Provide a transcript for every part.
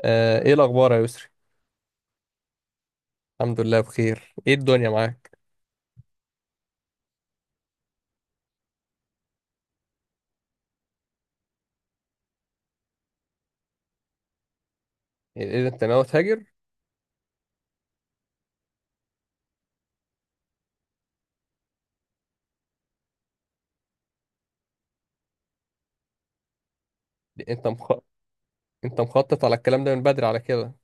ايه الاخبار يا يسري؟ الحمد لله بخير. ايه الدنيا معاك؟ إيه إيه، انت ناوي تهاجر؟ انت مخ... انت مخطط على الكلام ده من بدري على كده؟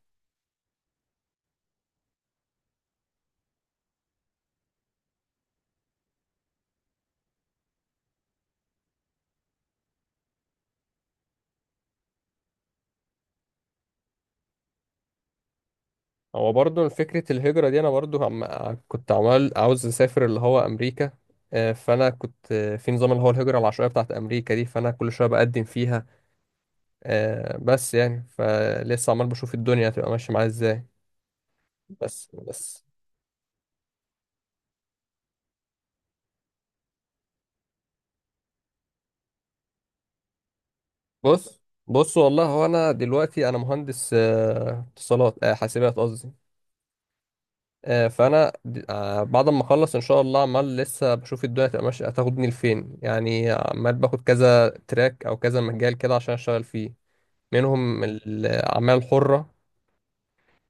هو برضو فكرة الهجرة دي. انا برضو كنت عمال عاوز اسافر اللي هو امريكا. فانا كنت، في نظام اللي هو الهجرة العشوائية بتاعت امريكا دي، فانا كل شوية بقدم فيها. بس يعني فلسه عمال بشوف الدنيا هتبقى ماشية معايا ازاي. بس بص بص، والله هو انا دلوقتي انا مهندس اتصالات، حاسبات قصدي. فانا بعد ما اخلص ان شاء الله عمال لسه بشوف الدنيا هتبقى ماشيه هتاخدني لفين، يعني عمال باخد كذا تراك او كذا مجال كده عشان اشتغل فيه. منهم الاعمال الحره.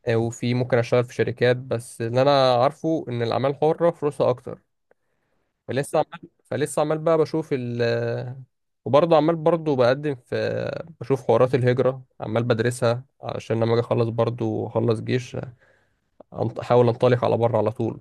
وفي ممكن اشتغل في شركات، بس اللي انا عارفه ان الاعمال الحره فلوسها اكتر. فلسه عمال بقى بشوف ال، وبرضه عمال برضه بقدم في، بشوف حوارات الهجرة عمال بدرسها علشان لما اجي اخلص برضه اخلص جيش. احاول انطلق على بره على طول.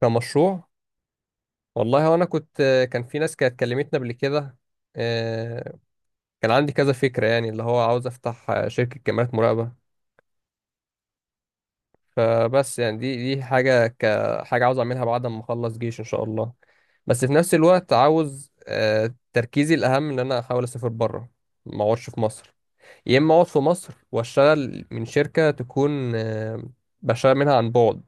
كمشروع. والله وانا كنت، كان في ناس كانت كلمتنا قبل كده. آه، كان عندي كذا فكرة، يعني اللي هو عاوز افتح شركة كاميرات مراقبة. فبس يعني دي حاجة كحاجة عاوز اعملها بعد ما اخلص جيش ان شاء الله. بس في نفس الوقت عاوز تركيزي الاهم ان انا احاول اسافر بره. ما اقعدش في مصر. يا اما اقعد في مصر واشتغل من شركة تكون، بشتغل منها عن بعد.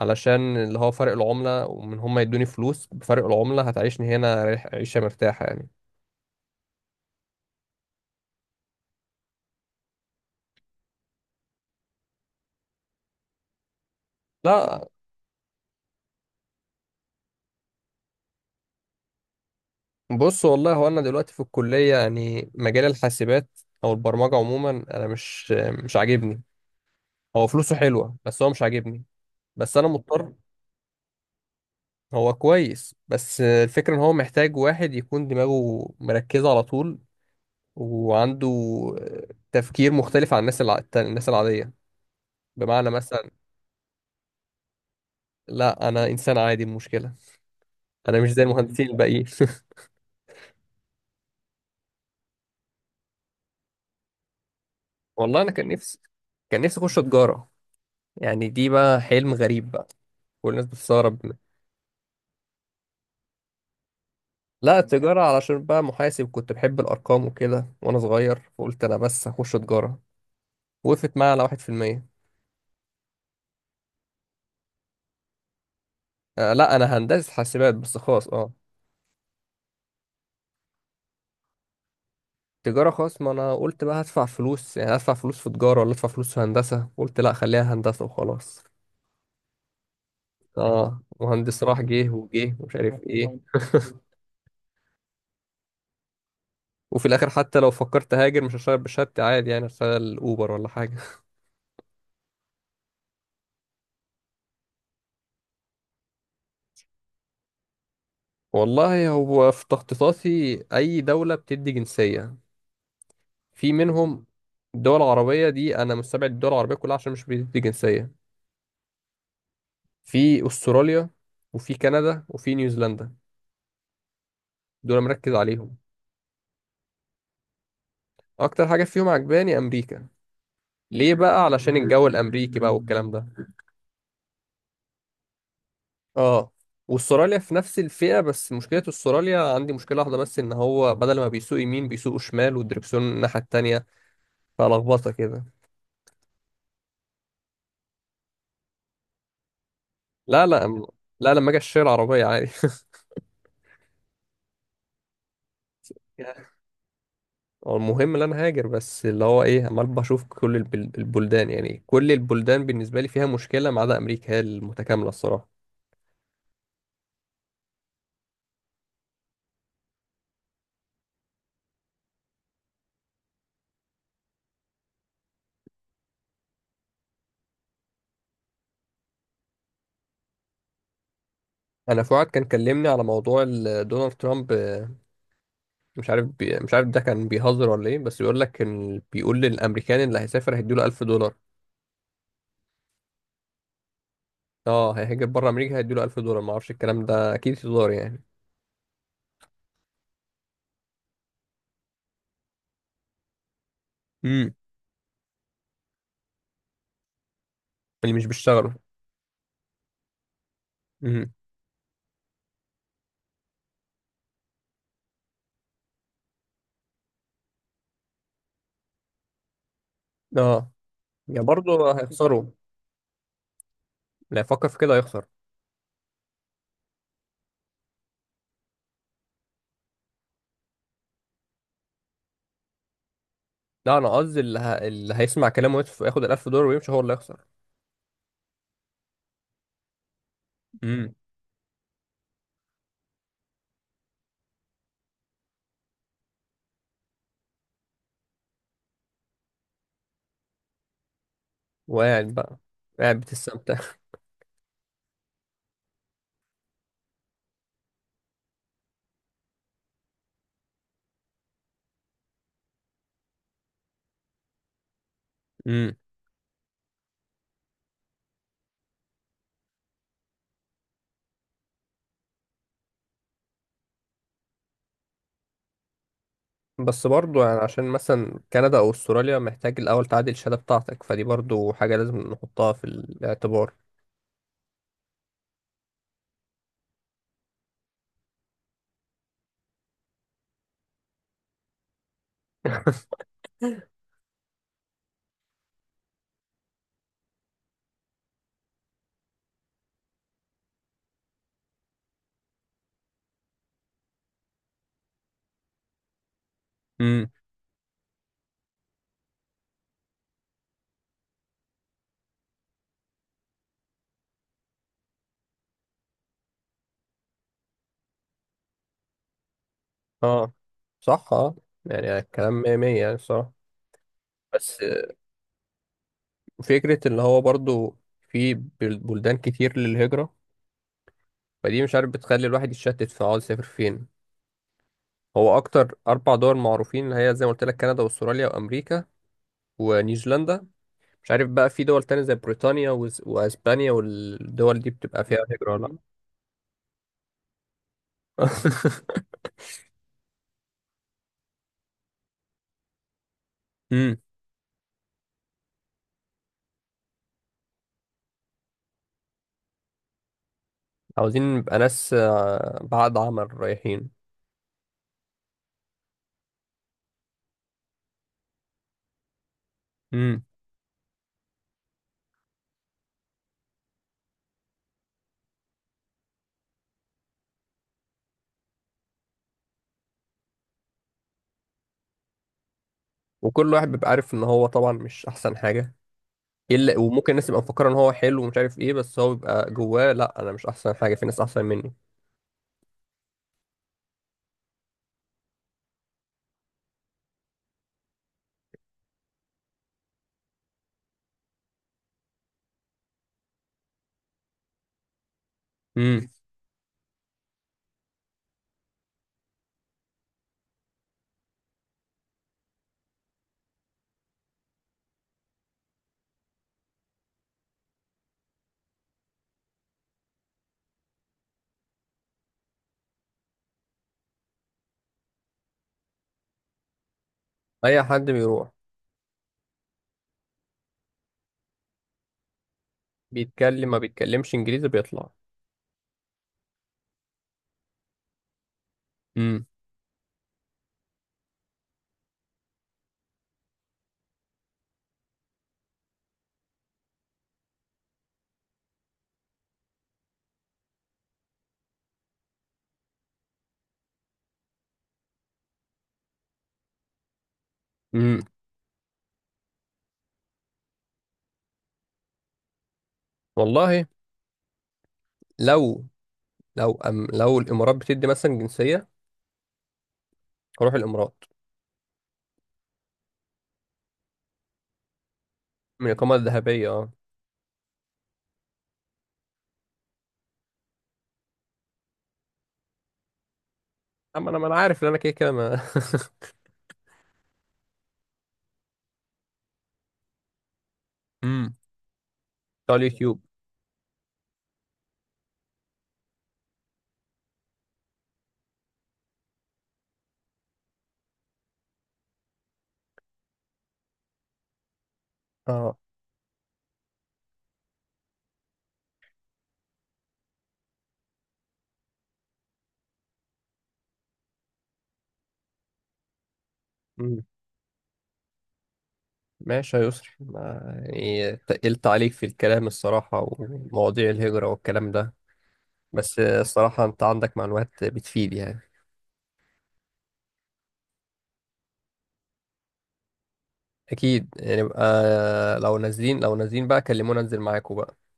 علشان اللي هو فرق العملة، ومن هم يدوني فلوس بفرق العملة هتعيشني هنا عيشة مرتاحة يعني. لا. بص، والله هو انا دلوقتي في الكليه يعني مجال الحاسبات او البرمجه عموما انا مش عاجبني. هو فلوسه حلوه بس هو مش عاجبني. بس انا مضطر. هو كويس بس الفكره ان هو محتاج واحد يكون دماغه مركزه على طول وعنده تفكير مختلف عن الناس الناس العاديه. بمعنى مثلا. لا انا انسان عادي المشكله. انا مش زي المهندسين الباقيين والله انا كان نفسي، كان نفسي اخش تجاره. يعني دي بقى حلم غريب بقى. كل الناس بتستغرب. لا التجارة علشان بقى محاسب، كنت بحب الأرقام وكده وأنا صغير، فقلت أنا بس هخش تجارة. وقفت معايا على واحد في المية. آه لا أنا هندسة حاسبات بس خاص، أه. تجارة خاص، ما أنا قلت بقى هدفع فلوس. يعني هدفع فلوس في تجارة ولا أدفع فلوس في هندسة؟ قلت لا خليها هندسة وخلاص. أه مهندس، راح جه وجه ومش عارف إيه. وفي الآخر حتى لو فكرت هاجر مش هشتغل بشهادتي عادي، يعني هشتغل أوبر ولا حاجة. والله هو في تخطيطاتي أي دولة بتدي جنسية. في منهم دول عربية. دي أنا مستبعد الدول العربية كلها عشان مش بيدي جنسية. في أستراليا، وفي كندا، وفي نيوزيلندا. دول مركز عليهم. أكتر حاجة فيهم عجباني أمريكا. ليه بقى؟ علشان الجو الأمريكي بقى والكلام ده. آه. وأستراليا في نفس الفئة، بس مشكلة أستراليا، عندي مشكلة واحدة بس إن هو بدل ما بيسوق يمين بيسوق شمال والدركسيون الناحية التانية. فلخبطة كده. لا لا، لا لما أجي أشتري العربية عادي. هو المهم ان انا هاجر، بس اللي هو ايه عمال بشوف كل البلدان. يعني كل البلدان بالنسبه لي فيها مشكله ما عدا امريكا، هي المتكامله الصراحه. انا فؤاد كان كلمني على موضوع دونالد ترامب. مش عارف ده كان بيهزر ولا ايه، بس بيقول لك ان بيقول للامريكان اللي هيسافر هيديله $1000. اه هيهاجر بره امريكا هيديله $1000. ما اعرفش الكلام ده، اكيد هزار يعني. امم اللي مش بيشتغلوا. امم اه يا برضه هيخسروا. لا يفكر في كده هيخسر. لا انا قصدي اللي، اللي هيسمع كلامه ويدفع- ياخد $1000 ويمشي هو اللي هيخسر. امم وقاعد بقى. قاعد بتستمتع. امم بس برضو يعني عشان مثلا كندا أو أستراليا محتاج الأول تعدل الشهادة بتاعتك، فدي برضو حاجة لازم نحطها في الاعتبار. امم اه صح اه. يعني الكلام مية مية يعني بصراحة. بس فكرة اللي هو برضو في بلدان كتير للهجرة. فدي مش عارف بتخلي الواحد يتشتت في عاوز يسافر فين. هو أكتر أربع دول معروفين اللي هي زي ما قلت لك كندا وأستراليا وأمريكا ونيوزيلندا. مش عارف بقى في دول تانية زي بريطانيا واسبانيا والدول دي بتبقى فيها هجرة ولا لا؟ امم عاوزين نبقى ناس بعد عمل رايحين. امم وكل واحد بيبقى عارف ان هو طبعا مش احسن حاجة. الا وممكن الناس تبقى مفكرة ان هو حلو ومش عارف ايه، بس هو بيبقى جواه لا انا مش احسن حاجة في ناس احسن مني. امم اي حد بيروح بيتكلم ما بيتكلمش انجليزي بيطلع. امم امم والله. لو لو الامارات بتدي مثلا جنسية هروح الامارات. من الاقامة الذهبية اه. اما انا ما انا عارف ان انا كده كده ما. امم بتاع اليوتيوب اه. أمم. ماشي يا يسري ما، يعني تقلت عليك في الكلام الصراحة ومواضيع الهجرة والكلام ده. بس الصراحة انت عندك معلومات بتفيد يعني. اكيد نبقى لو نازلين، لو نازلين بقى كلمونا انزل معاكم بقى.